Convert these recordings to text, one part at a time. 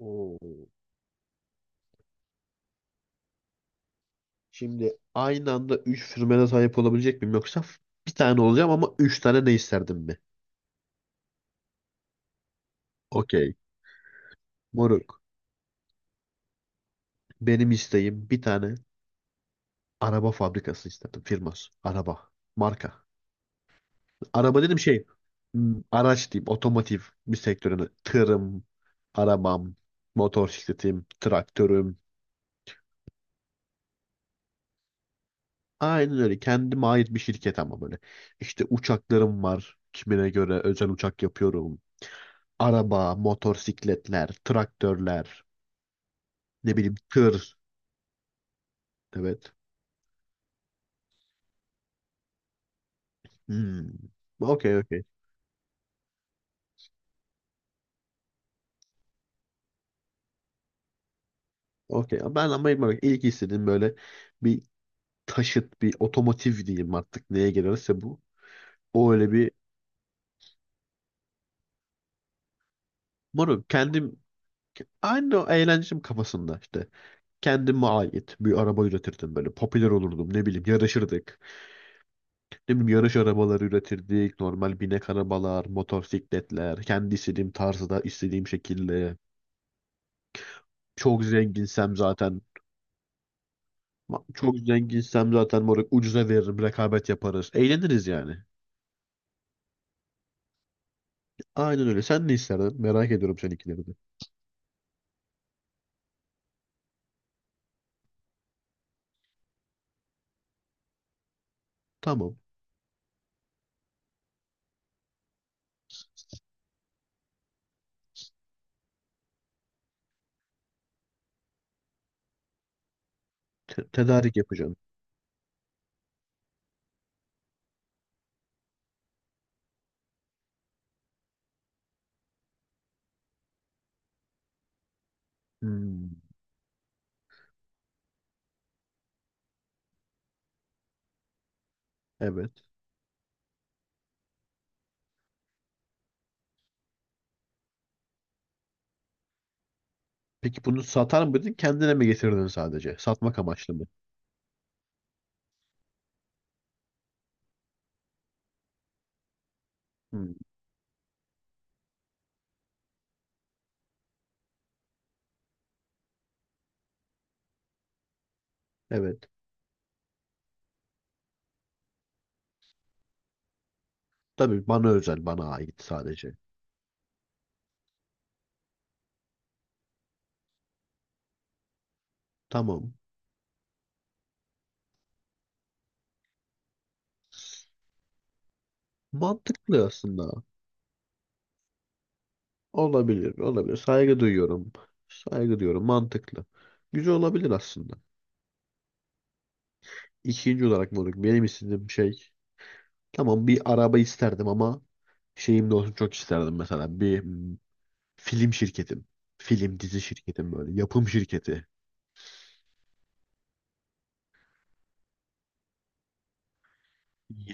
Oo. Şimdi aynı anda üç sürmene sahip olabilecek miyim, yoksa bir tane olacağım ama üç tane ne isterdim mi? Okey. Moruk. Benim isteğim bir tane araba fabrikası isterdim. Firması. Araba. Marka. Araba dedim araç diyeyim, otomotiv bir sektörüne tırım, arabam, motor sikletim, traktörüm. Aynen öyle, kendime ait bir şirket ama böyle. İşte uçaklarım var, kimine göre özel uçak yapıyorum. Araba, motorsikletler, traktörler, ne bileyim tır. Evet. Hmm. Okey, okey. Okey. Ben ama bak, ilk istediğim böyle bir taşıt, bir otomotiv diyeyim, artık neye gelirse bu. O öyle bir... Moruk kendim... Aynı o eğlencem kafasında işte. Kendime ait bir araba üretirdim böyle. Popüler olurdum, ne bileyim, yarışırdık. Ne bileyim, yarış arabaları üretirdik. Normal binek arabalar, motosikletler. Kendi istediğim tarzda, istediğim şekilde. Çok zenginsem zaten. Çok zenginsem zaten moruk, ucuza veririm. Rekabet yaparız. Eğleniriz yani. Aynen öyle. Sen ne isterdin? Merak ediyorum seninkileri de. Tamam. Tedarik yapacağım. Hmm, evet. Peki bunu satar mıydın? Kendine mi getirdin sadece? Satmak amaçlı mı? Hmm. Evet. Tabii, bana özel, bana ait sadece. Tamam. Mantıklı aslında. Olabilir, olabilir. Saygı duyuyorum. Saygı duyuyorum. Mantıklı. Güzel olabilir aslında. İkinci olarak moruk, benim istediğim şey, tamam bir araba isterdim ama şeyim de olsun çok isterdim, mesela bir film şirketim. Film, dizi şirketim, böyle yapım şirketi.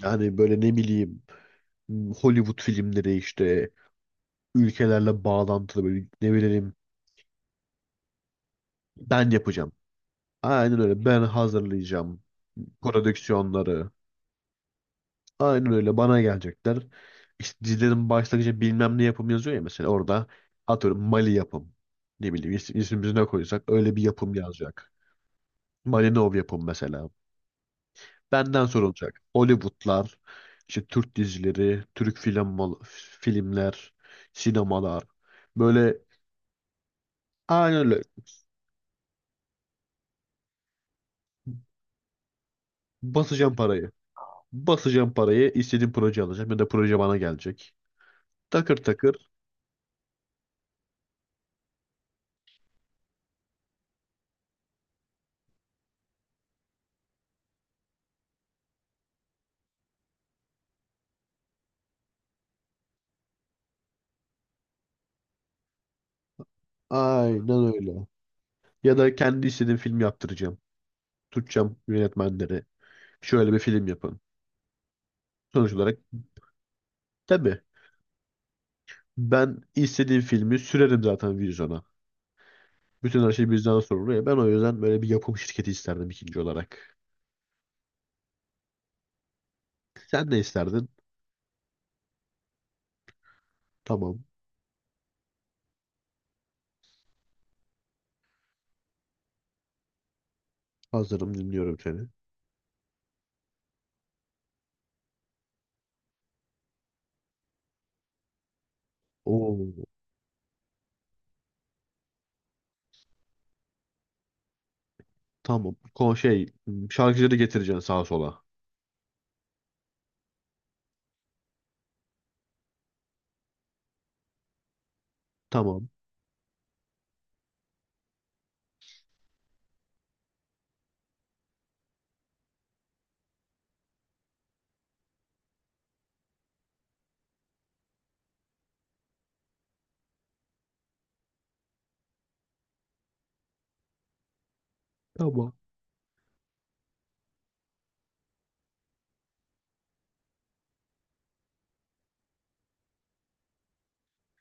Yani böyle ne bileyim, Hollywood filmleri işte, ülkelerle bağlantılı böyle, ne bileyim, ben yapacağım. Aynen öyle. Ben hazırlayacağım prodüksiyonları. Aynen öyle. Bana gelecekler. İşte dizilerin başlangıcı bilmem ne yapım yazıyor ya, mesela orada atıyorum Mali yapım. Ne bileyim, ismimizi ne koysak öyle bir yapım yazacak. Malinov yapım mesela. Benden sorulacak. Hollywoodlar, işte Türk dizileri, Türk filmler, sinemalar. Böyle, aynen öyle. Basacağım parayı. Basacağım parayı, istediğim proje alacağım ya da proje bana gelecek. Takır takır. Aynen öyle. Ya da kendi istediğim film yaptıracağım. Tutacağım yönetmenleri. Şöyle bir film yapın. Sonuç olarak tabii, ben istediğim filmi sürerim zaten vizyona. Bütün her şey bizden sorumlu ya. Ben o yüzden böyle bir yapım şirketi isterdim ikinci olarak. Sen ne isterdin? Tamam. Hazırım, dinliyorum seni. Oo. Tamam. Ko şey Şarkıcıları getireceksin sağa sola. Tamam. Tamam.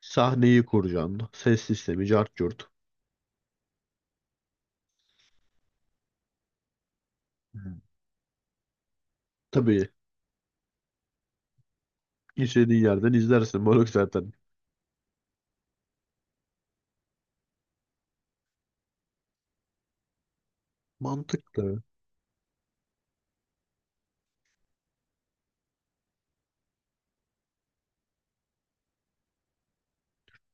Sahneyi kuracaksın. Ses sistemi, cart curt. Hı. Tabii, istediğin yerden izlersin moruk zaten. Mantıklı.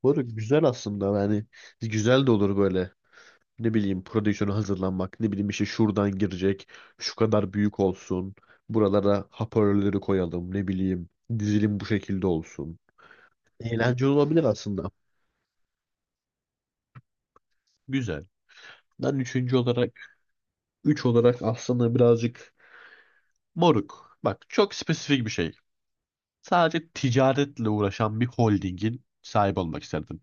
Moruk güzel aslında yani, güzel de olur böyle. Ne bileyim, prodüksiyona hazırlanmak. Ne bileyim işte, şuradan girecek. Şu kadar büyük olsun. Buralara hoparlörleri koyalım. Ne bileyim, dizilim bu şekilde olsun. Eğlenceli olabilir aslında. Güzel. Ben üçüncü olarak, üç olarak aslında birazcık... Moruk, bak çok spesifik bir şey. Sadece ticaretle uğraşan bir holdingin sahibi olmak isterdim.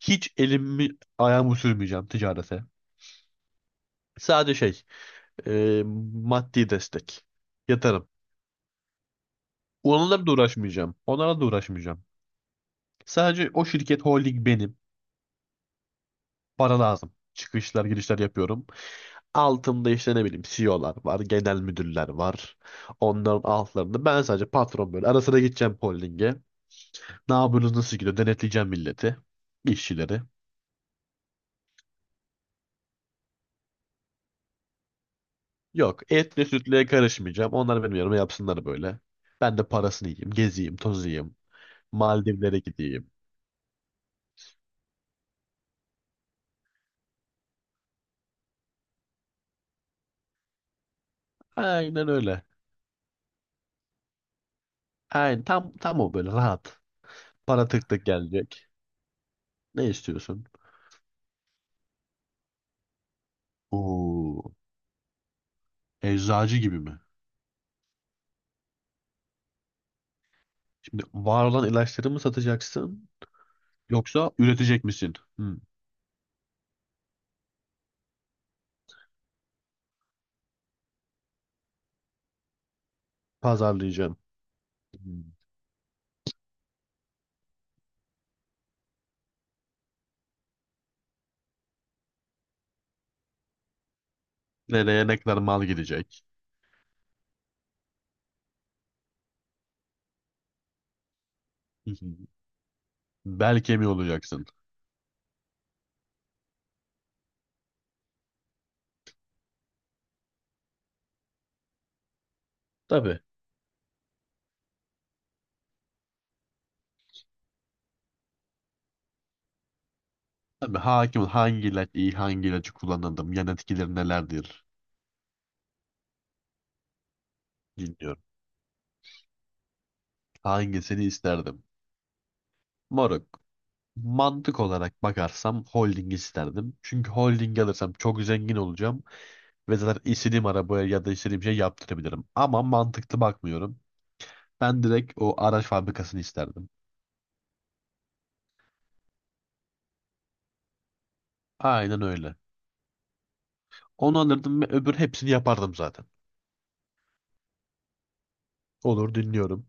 Hiç elimi ayağımı sürmeyeceğim ticarete. Sadece şey, e, maddi destek. Yatarım. Onlarla da uğraşmayacağım. Sadece o şirket, holding benim. Para lazım. Çıkışlar girişler yapıyorum. Altımda işte ne bileyim CEO'lar var, genel müdürler var. Onların altlarında ben sadece patron böyle. Ara sıra gideceğim holdinge. Ne yapıyorsunuz, nasıl gidiyor? Denetleyeceğim milleti, işçileri. Yok, etle sütle karışmayacağım. Onlar benim yanıma yapsınlar böyle. Ben de parasını yiyeyim. Gezeyim, tozayım. Maldivlere gideyim. Aynen öyle. Aynen tam o, böyle rahat. Para tık tık gelecek. Ne istiyorsun? Oo, eczacı gibi mi? Şimdi var olan ilaçları mı satacaksın? Yoksa üretecek misin? Hmm, pazarlayacağım. Hmm. Nereye ne kadar mal gidecek? Hı hı. Bel kemiği olacaksın. Tabii. Tabii, hakim ol. Hangi ilaç iyi, hangi ilacı kullanırdım, yan etkileri nelerdir, dinliyorum. Hangisini isterdim? Moruk. Mantık olarak bakarsam holding isterdim. Çünkü holding alırsam çok zengin olacağım ve zaten istediğim arabaya ya da istediğim şey yaptırabilirim. Ama mantıklı bakmıyorum. Ben direkt o araç fabrikasını isterdim. Aynen öyle. Onu alırdım ve öbür hepsini yapardım zaten. Olur, dinliyorum.